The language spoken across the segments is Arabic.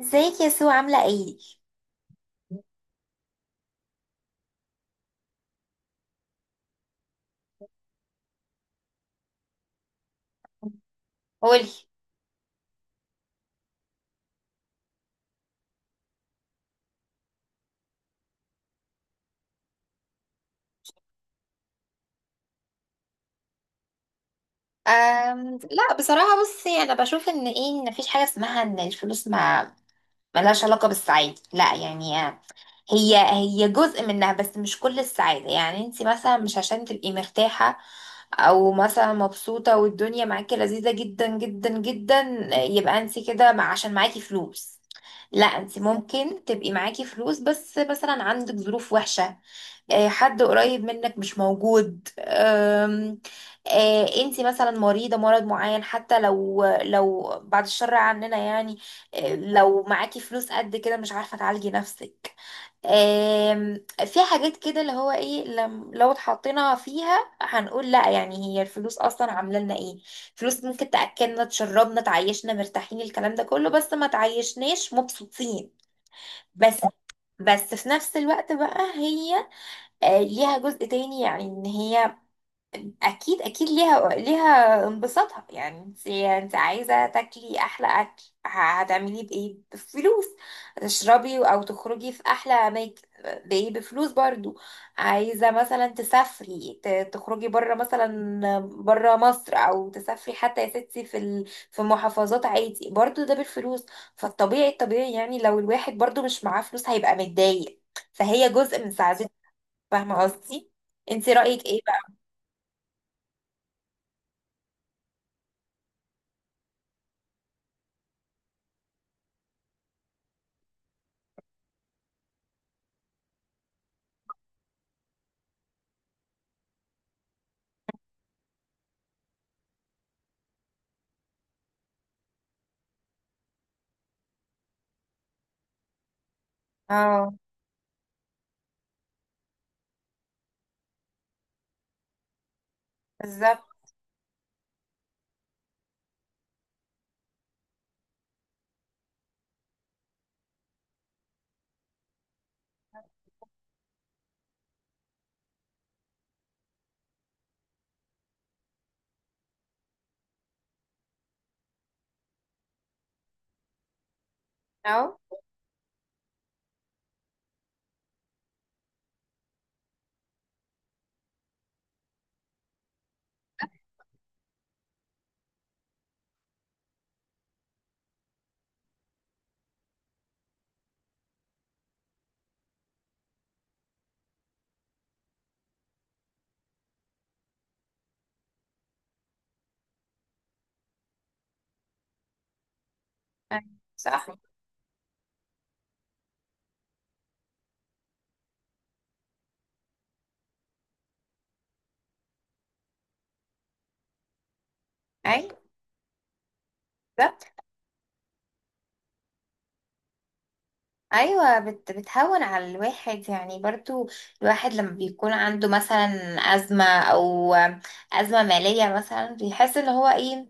ازيك يا سو، عاملة ايه؟ قولي. لا، بصراحة بصي، انا بشوف ان ايه، ان مفيش حاجة اسمها ان الفلوس ما ملهاش علاقة بالسعادة، لا يعني. هي جزء منها، بس مش كل السعادة. يعني انت مثلا، مش عشان تبقي مرتاحة او مثلا مبسوطة والدنيا معاكي لذيذة جدا جدا جدا، يبقى انت كده عشان معاكي فلوس. لا، انت ممكن تبقي معاكي فلوس بس مثلا عندك ظروف وحشة، حد قريب منك مش موجود، انتي مثلا مريضة مرض معين حتى لو بعد الشر عننا يعني، لو معاكي فلوس قد كده مش عارفة تعالجي نفسك. في حاجات كده اللي هو ايه، لم لو اتحطينا فيها هنقول لا، يعني هي الفلوس اصلا عامله لنا ايه؟ فلوس ممكن تاكلنا تشربنا تعيشنا مرتاحين، الكلام ده كله، بس ما تعيشناش مبسوطين. بس في نفس الوقت بقى هي، ليها جزء تاني، يعني ان هي اكيد اكيد ليها انبساطها. يعني انت عايزه تاكلي احلى اكل، هتعملي بايه؟ بفلوس. تشربي او تخرجي في احلى اماكن، بايه؟ بفلوس برضو. عايزه مثلا تسافري، تخرجي بره، مثلا بره مصر، او تسافري حتى يا ستي في محافظات عادي، برضو ده بالفلوس. فالطبيعي يعني، لو الواحد برضو مش معاه فلوس هيبقى متضايق. فهي جزء من سعادة. فاهمة قصدي؟ انت رأيك ايه بقى؟ اه. بالظبط. اهو. أيوة. صح. ايوه. بالظبط. ايوه، بتهون على الواحد يعني برضو. الواحد لما بيكون عنده مثلا ازمه، او ازمه ماليه مثلا، بيحس ان هو ايه،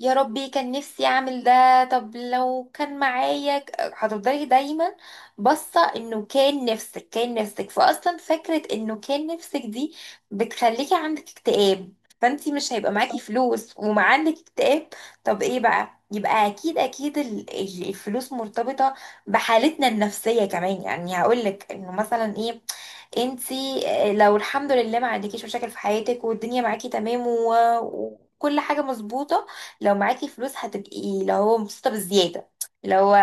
يا ربي كان نفسي اعمل ده. طب لو كان معايا، هتفضلي دايما باصه انه كان نفسك، فاصلا فكره انه كان نفسك دي بتخليكي عندك اكتئاب. فانتي مش هيبقى معاكي فلوس وما عندك اكتئاب؟ طب ايه بقى؟ يبقى اكيد اكيد الفلوس مرتبطه بحالتنا النفسيه كمان. يعني هقولك انه مثلا ايه، انتي لو الحمد لله ما عندكيش مشاكل في حياتك، والدنيا معاكي تمام، وكل حاجه مظبوطه، لو معاكي فلوس هتبقي اللي هو مبسوطة بالزيادة. لو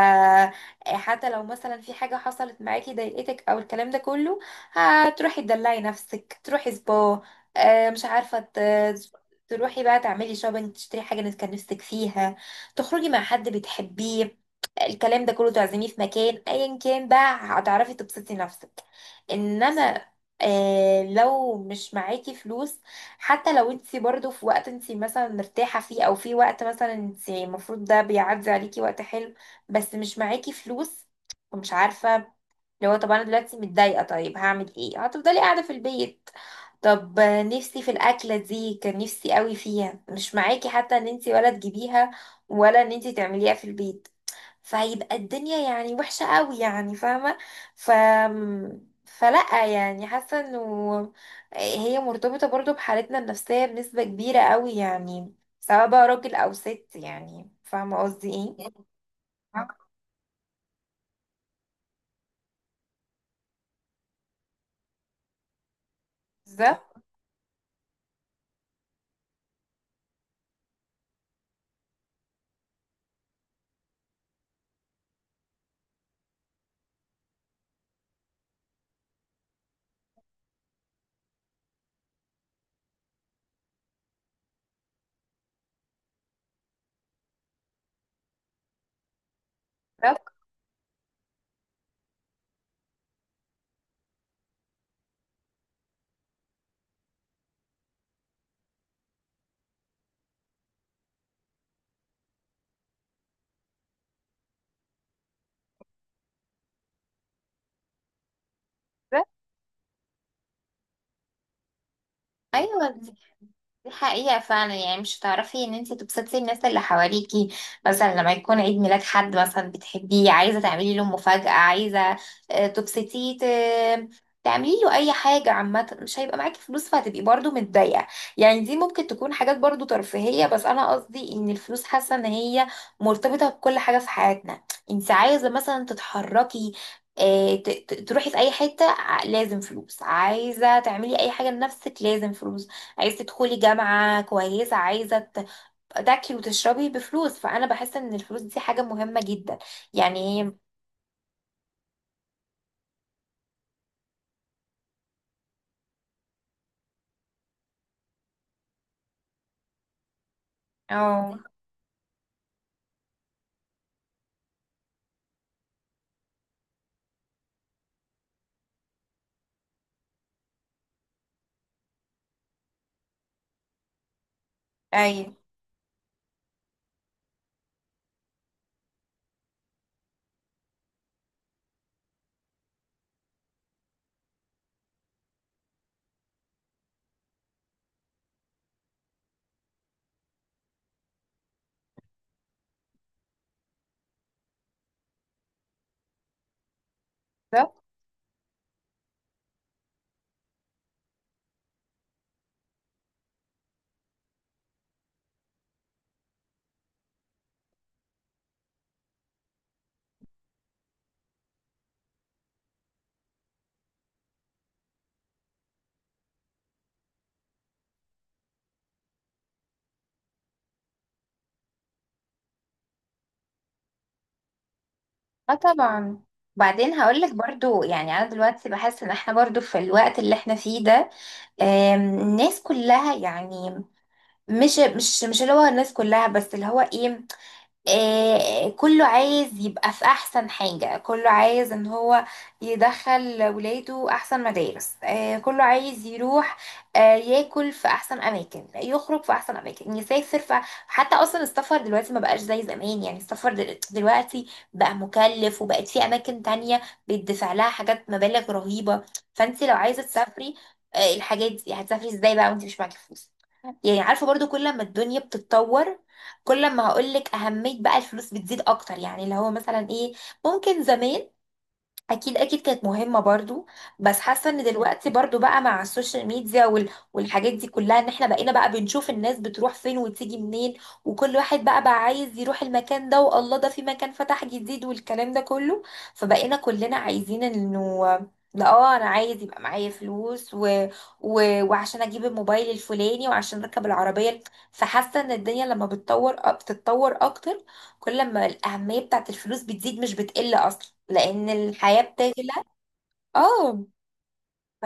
حتى لو مثلا في حاجة حصلت معاكي ضايقتك، او الكلام ده كله، هتروحي تدلعي نفسك، تروحي سبا، مش عارفة، تروحي بقى تعملي شوبينج، تشتري حاجة انت كان نفسك فيها، تخرجي مع حد بتحبيه، الكلام ده كله، تعزميه في مكان ايا كان بقى، هتعرفي تبسطي نفسك. انما لو مش معاكي فلوس، حتى لو انت برضو في وقت انت مثلا مرتاحة فيه، او في وقت مثلا انت المفروض ده بيعدي عليكي وقت حلو، بس مش معاكي فلوس ومش عارفة، لو طب انا دلوقتي متضايقة طيب هعمل ايه؟ هتفضلي قاعدة في البيت. طب نفسي في الأكلة دي، كان نفسي قوي فيها، مش معاكي حتى ان انت ولا تجيبيها ولا ان انت تعمليها في البيت. فهيبقى الدنيا يعني وحشة قوي يعني، فاهمة؟ ف فلا، يعني حاسة انه هي مرتبطة برضو بحالتنا النفسية بنسبة كبيرة قوي يعني، سواء بقى راجل او ست، يعني فاهمة قصدي ايه؟ بالظبط. بالظبط. بالظبط. ايوه. دي حقيقة فعلا. يعني مش هتعرفي ان انت تبسطي الناس اللي حواليكي، مثلا لما يكون عيد ميلاد حد مثلا بتحبيه، عايزة تعملي له مفاجأة، عايزة تبسطيه، تعملي له اي حاجة عامة، مش هيبقى معاكي فلوس، فهتبقي برضو متضايقة. يعني دي ممكن تكون حاجات برضو ترفيهية، بس انا قصدي ان الفلوس، حاسة ان هي مرتبطة بكل حاجة في حياتنا. انت عايزة مثلا تتحركي، تروحي في اي حتة، لازم فلوس. عايزة تعملي اي حاجة لنفسك، لازم فلوس. عايز تدخلي جامعة كويسة، عايزة تاكلي وتشربي، بفلوس. فأنا بحس إن الفلوس دي حاجة مهمة جدا. يعني هي، اه. أيوة. بالظبط. اه طبعا. بعدين هقولك برضو، يعني أنا دلوقتي بحس إن احنا برضو في الوقت اللي احنا فيه ده، الناس كلها يعني، مش اللي هو الناس كلها، بس اللي هو ايه، كله عايز يبقى في احسن حاجة، كله عايز ان هو يدخل ولاده احسن مدارس، كله عايز يروح، ياكل في احسن اماكن، يخرج في احسن اماكن، يسافر. حتى اصلا السفر دلوقتي ما بقاش زي زمان، يعني السفر دلوقتي بقى مكلف، وبقت في اماكن تانية بيدفع لها حاجات، مبالغ رهيبة. فانت لو عايزة تسافري، الحاجات دي هتسافري ازاي بقى وانت مش معاكي فلوس؟ يعني عارفة، برضو كل ما الدنيا بتتطور، كل ما هقولك أهمية بقى الفلوس بتزيد أكتر، يعني اللي هو مثلا إيه، ممكن زمان اكيد اكيد كانت مهمه برضو، بس حاسه ان دلوقتي برضو بقى مع السوشيال ميديا والحاجات دي كلها، ان احنا بقينا بقى بنشوف الناس بتروح فين وتيجي منين، وكل واحد بقى عايز يروح المكان ده، والله ده في مكان فتح جديد، والكلام ده كله. فبقينا كلنا عايزين انه، لا اه، انا عايز يبقى معايا فلوس وعشان اجيب الموبايل الفلاني، وعشان اركب العربيه. فحاسه ان الدنيا لما بتطور بتتطور اكتر، كل ما الأهمية بتاعت الفلوس بتزيد مش بتقل، أصلا لأن الحياة بتغلى. اه. ف-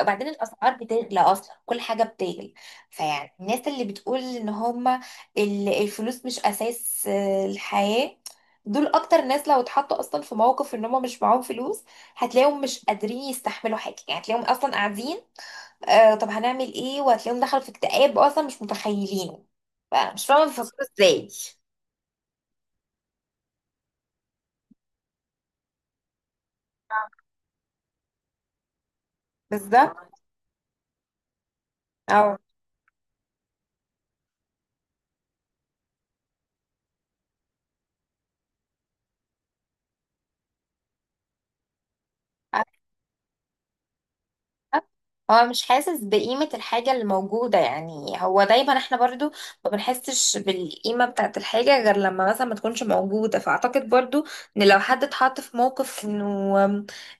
وبعدين الأسعار بتغلى أصلا، كل حاجة بتغلى. فيعني الناس اللي بتقول إن هما الفلوس مش أساس الحياة، دول أكتر ناس لو اتحطوا أصلا في موقف إن هما مش معاهم فلوس، هتلاقيهم مش قادرين يستحملوا حاجة، يعني هتلاقيهم أصلا قاعدين، طب هنعمل إيه؟ وهتلاقيهم دخلوا في اكتئاب أصلا مش متخيلينه. فمش فاهمة بيفكروا إزاي. بالظبط. اه. هو مش حاسس بقيمة الحاجة اللي موجودة، يعني هو دايما، احنا برضو ما بنحسش بالقيمة بتاعت الحاجة غير لما مثلا ما تكونش موجودة. فأعتقد برضو ان لو حد اتحط في موقف انه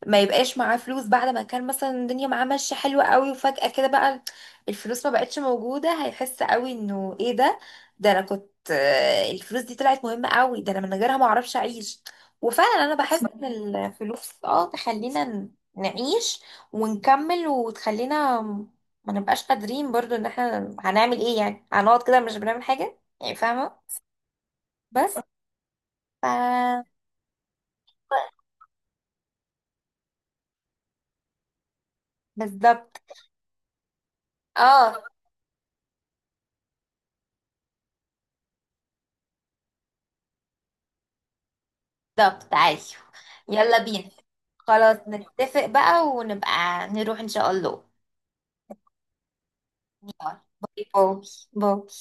ما يبقاش معاه فلوس، بعد ما كان مثلا الدنيا معاه ماشية حلوة قوي، وفجأة كده بقى الفلوس ما بقتش موجودة، هيحس قوي انه ايه ده، ده انا كنت، الفلوس دي طلعت مهمة قوي، ده انا من غيرها ما اعرفش اعيش. وفعلا انا بحس ان الفلوس اه تخلينا نعيش ونكمل، وتخلينا ما نبقاش قادرين برضو، ان احنا هنعمل ايه يعني، هنقعد كده مش بنعمل حاجة يعني، فاهمة؟ بس. ف بالظبط. اه. بالظبط. عايش. يلا بينا. خلاص، نتفق بقى ونبقى نروح ان شاء الله. يلا. باي، باي، باي.